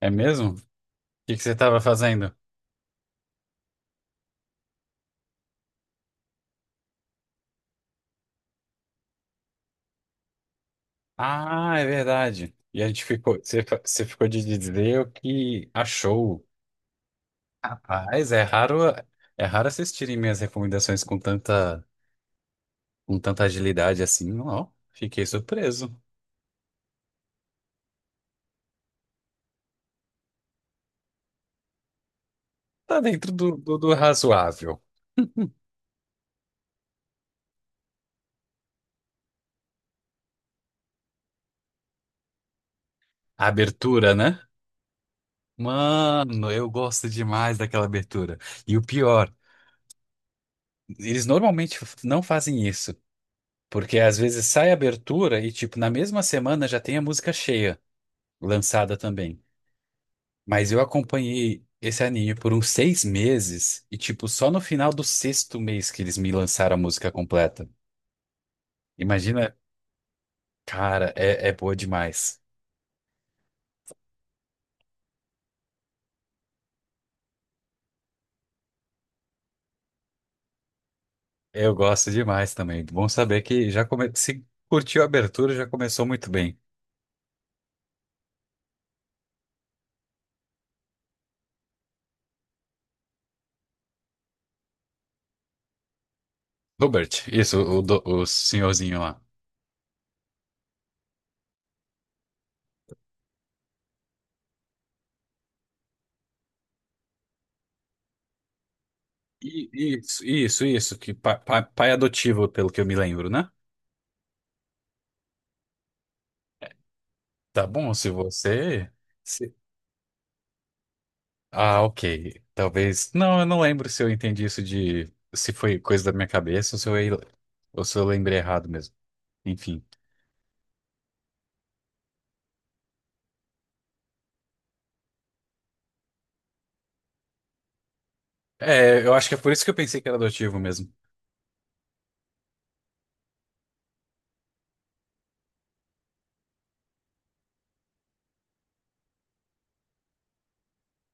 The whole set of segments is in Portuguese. É mesmo? O que que você estava fazendo? Ah, é verdade. E a gente ficou, você, você ficou de dizer o que achou. Rapaz, é raro assistirem minhas recomendações com tanta agilidade assim. Ó, fiquei surpreso. Tá dentro do razoável. A abertura, né? Mano, eu gosto demais daquela abertura. E o pior, eles normalmente não fazem isso, porque às vezes sai a abertura e, tipo, na mesma semana já tem a música cheia. Lançada também. Mas eu acompanhei esse anime por uns 6 meses e, tipo, só no final do sexto mês que eles me lançaram a música completa. Imagina, cara, é boa demais. Eu gosto demais também. Bom saber que se curtiu a abertura, já começou muito bem. Robert, isso, o senhorzinho lá. I- Isso, que pai adotivo, pelo que eu me lembro, né? Tá bom, se você. Ah, ok. Talvez. Não, eu não lembro se eu entendi isso de. Se foi coisa da minha cabeça ou se ou se eu lembrei errado mesmo. Enfim. É, eu acho que é por isso que eu pensei que era adotivo mesmo.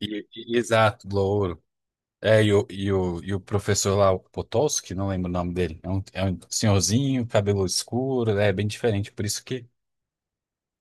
Exato, louro. É, e o professor lá, o Potocki, não lembro o nome dele. É um senhorzinho, cabelo escuro, é bem diferente. Por isso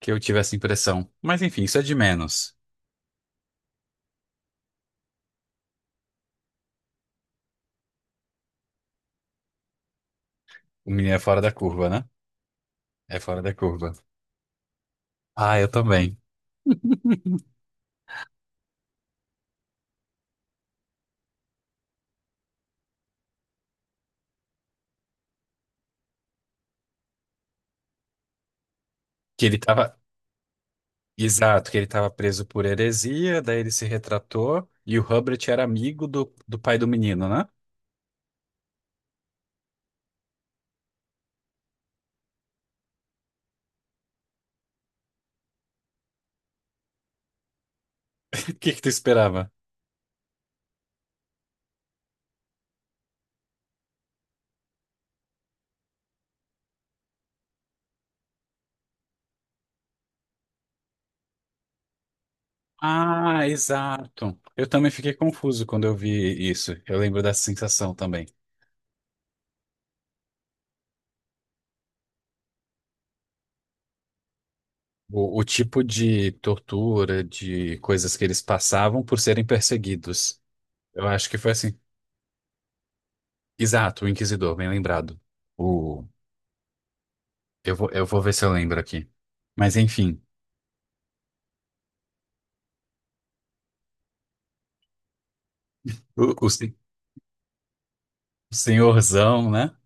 que eu tive essa impressão. Mas enfim, isso é de menos. O menino é fora da curva, né? É fora da curva. Ah, eu também. Que ele tava. Exato, que ele estava preso por heresia, daí ele se retratou e o Hubert era amigo do pai do menino, né? O que que tu esperava? Ah, exato. Eu também fiquei confuso quando eu vi isso. Eu lembro dessa sensação também. O tipo de tortura, de coisas que eles passavam por serem perseguidos. Eu acho que foi assim. Exato, o Inquisidor, bem lembrado. O, eu vou ver se eu lembro aqui. Mas enfim, o, o sen- senhorzão, né?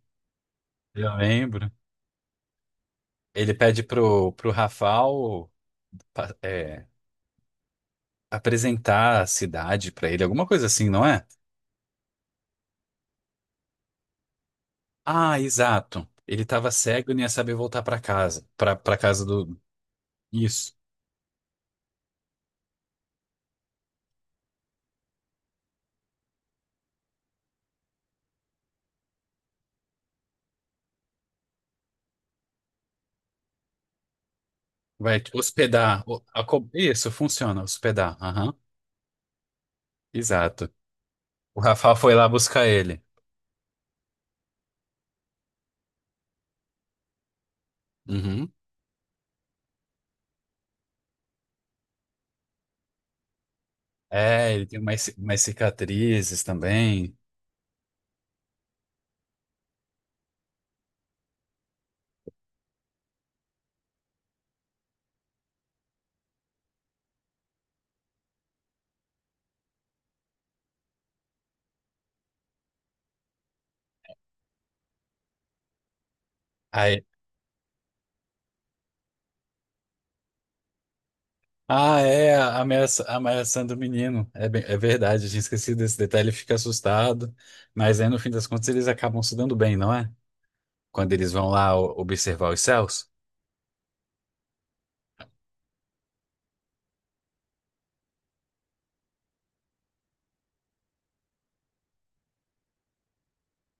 Eu lembro. Ele pede pro Rafal pa- é, apresentar a cidade pra ele, alguma coisa assim, não é? Ah, exato. Ele tava cego e não ia saber voltar pra casa, pra para casa do. Isso. Vai hospedar. Isso, funciona, hospedar. Aham. Exato. O Rafal foi lá buscar ele. Uhum. É, ele tem umas cicatrizes também. Ah, é, a ameaçando o menino. É, é verdade, eu tinha esquecido desse detalhe, ele fica assustado. Mas aí, no fim das contas, eles acabam se dando bem, não é? Quando eles vão lá observar os céus.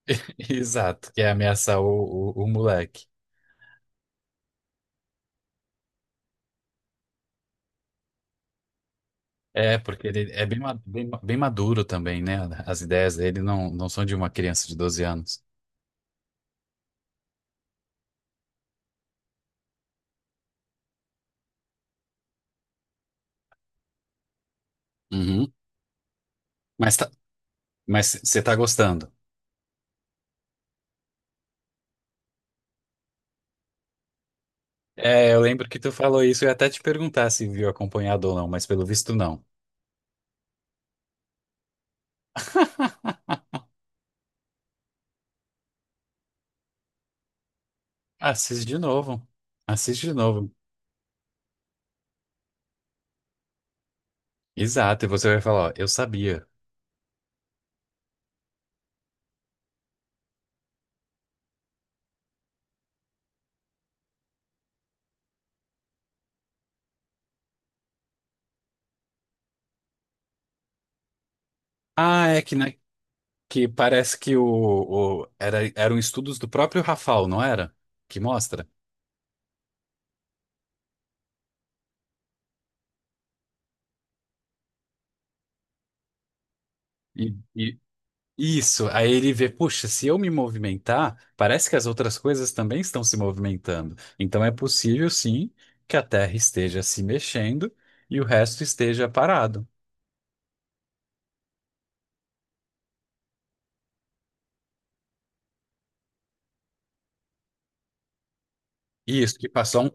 Exato, que é ameaçar o moleque. É, porque ele é bem maduro também, né? As ideias dele não são de uma criança de 12 anos. Uhum. Mas tá, mas você tá gostando. É, eu lembro que tu falou isso, eu ia até te perguntar se viu acompanhado ou não, mas pelo visto não. Assiste de novo. Assiste de novo. Exato, e você vai falar, ó, eu sabia. Ah, é que, né, que parece que era, eram estudos do próprio Rafael, não era? Que mostra. E, e- isso, aí ele vê, puxa, se eu me movimentar, parece que as outras coisas também estão se movimentando. Então é possível, sim, que a Terra esteja se mexendo e o resto esteja parado. Isso, que passou um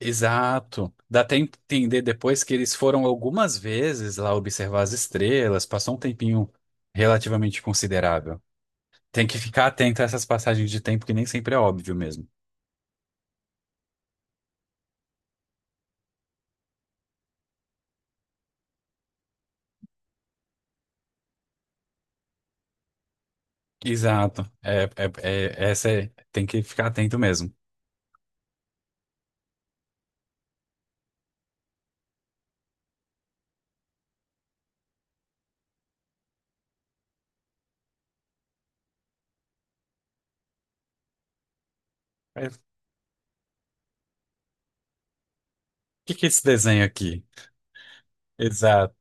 exato. Dá até entender depois que eles foram algumas vezes lá observar as estrelas, passou um tempinho relativamente considerável. Tem que ficar atento a essas passagens de tempo que nem sempre é óbvio mesmo. Exato. É- essa é- tem que ficar atento mesmo. É, o que que é esse desenho aqui? Exato.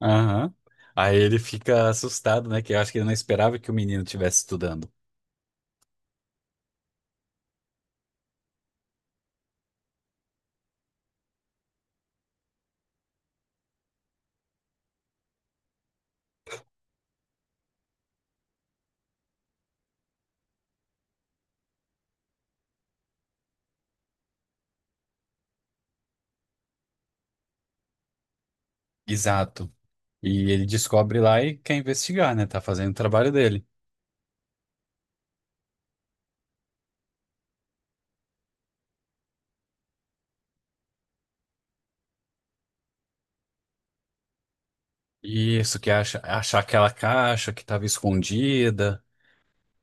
Aham. Aí ele fica assustado, né? Que eu acho que ele não esperava que o menino estivesse estudando. Exato. E ele descobre lá e quer investigar, né? Tá fazendo o trabalho dele. Isso, que acha, achar aquela caixa que estava escondida.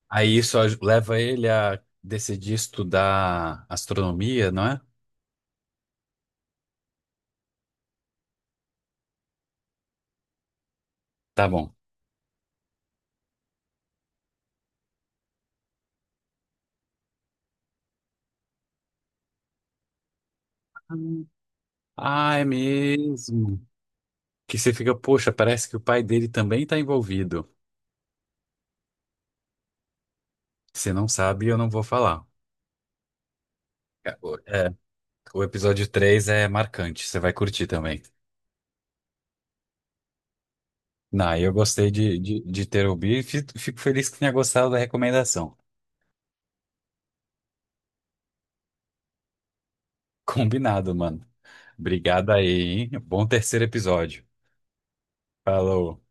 Leva ele a decidir estudar astronomia, não é? Tá bom. Hum. Ah, é mesmo. Que você fica, poxa, parece que o pai dele também está envolvido. Se não sabe, eu não vou falar. É, o é, o episódio 3 é marcante, você vai curtir também. Não, eu gostei de ter ouvido e fico feliz que tenha gostado da recomendação. Combinado, mano. Obrigado aí, hein? Bom terceiro episódio. Falou.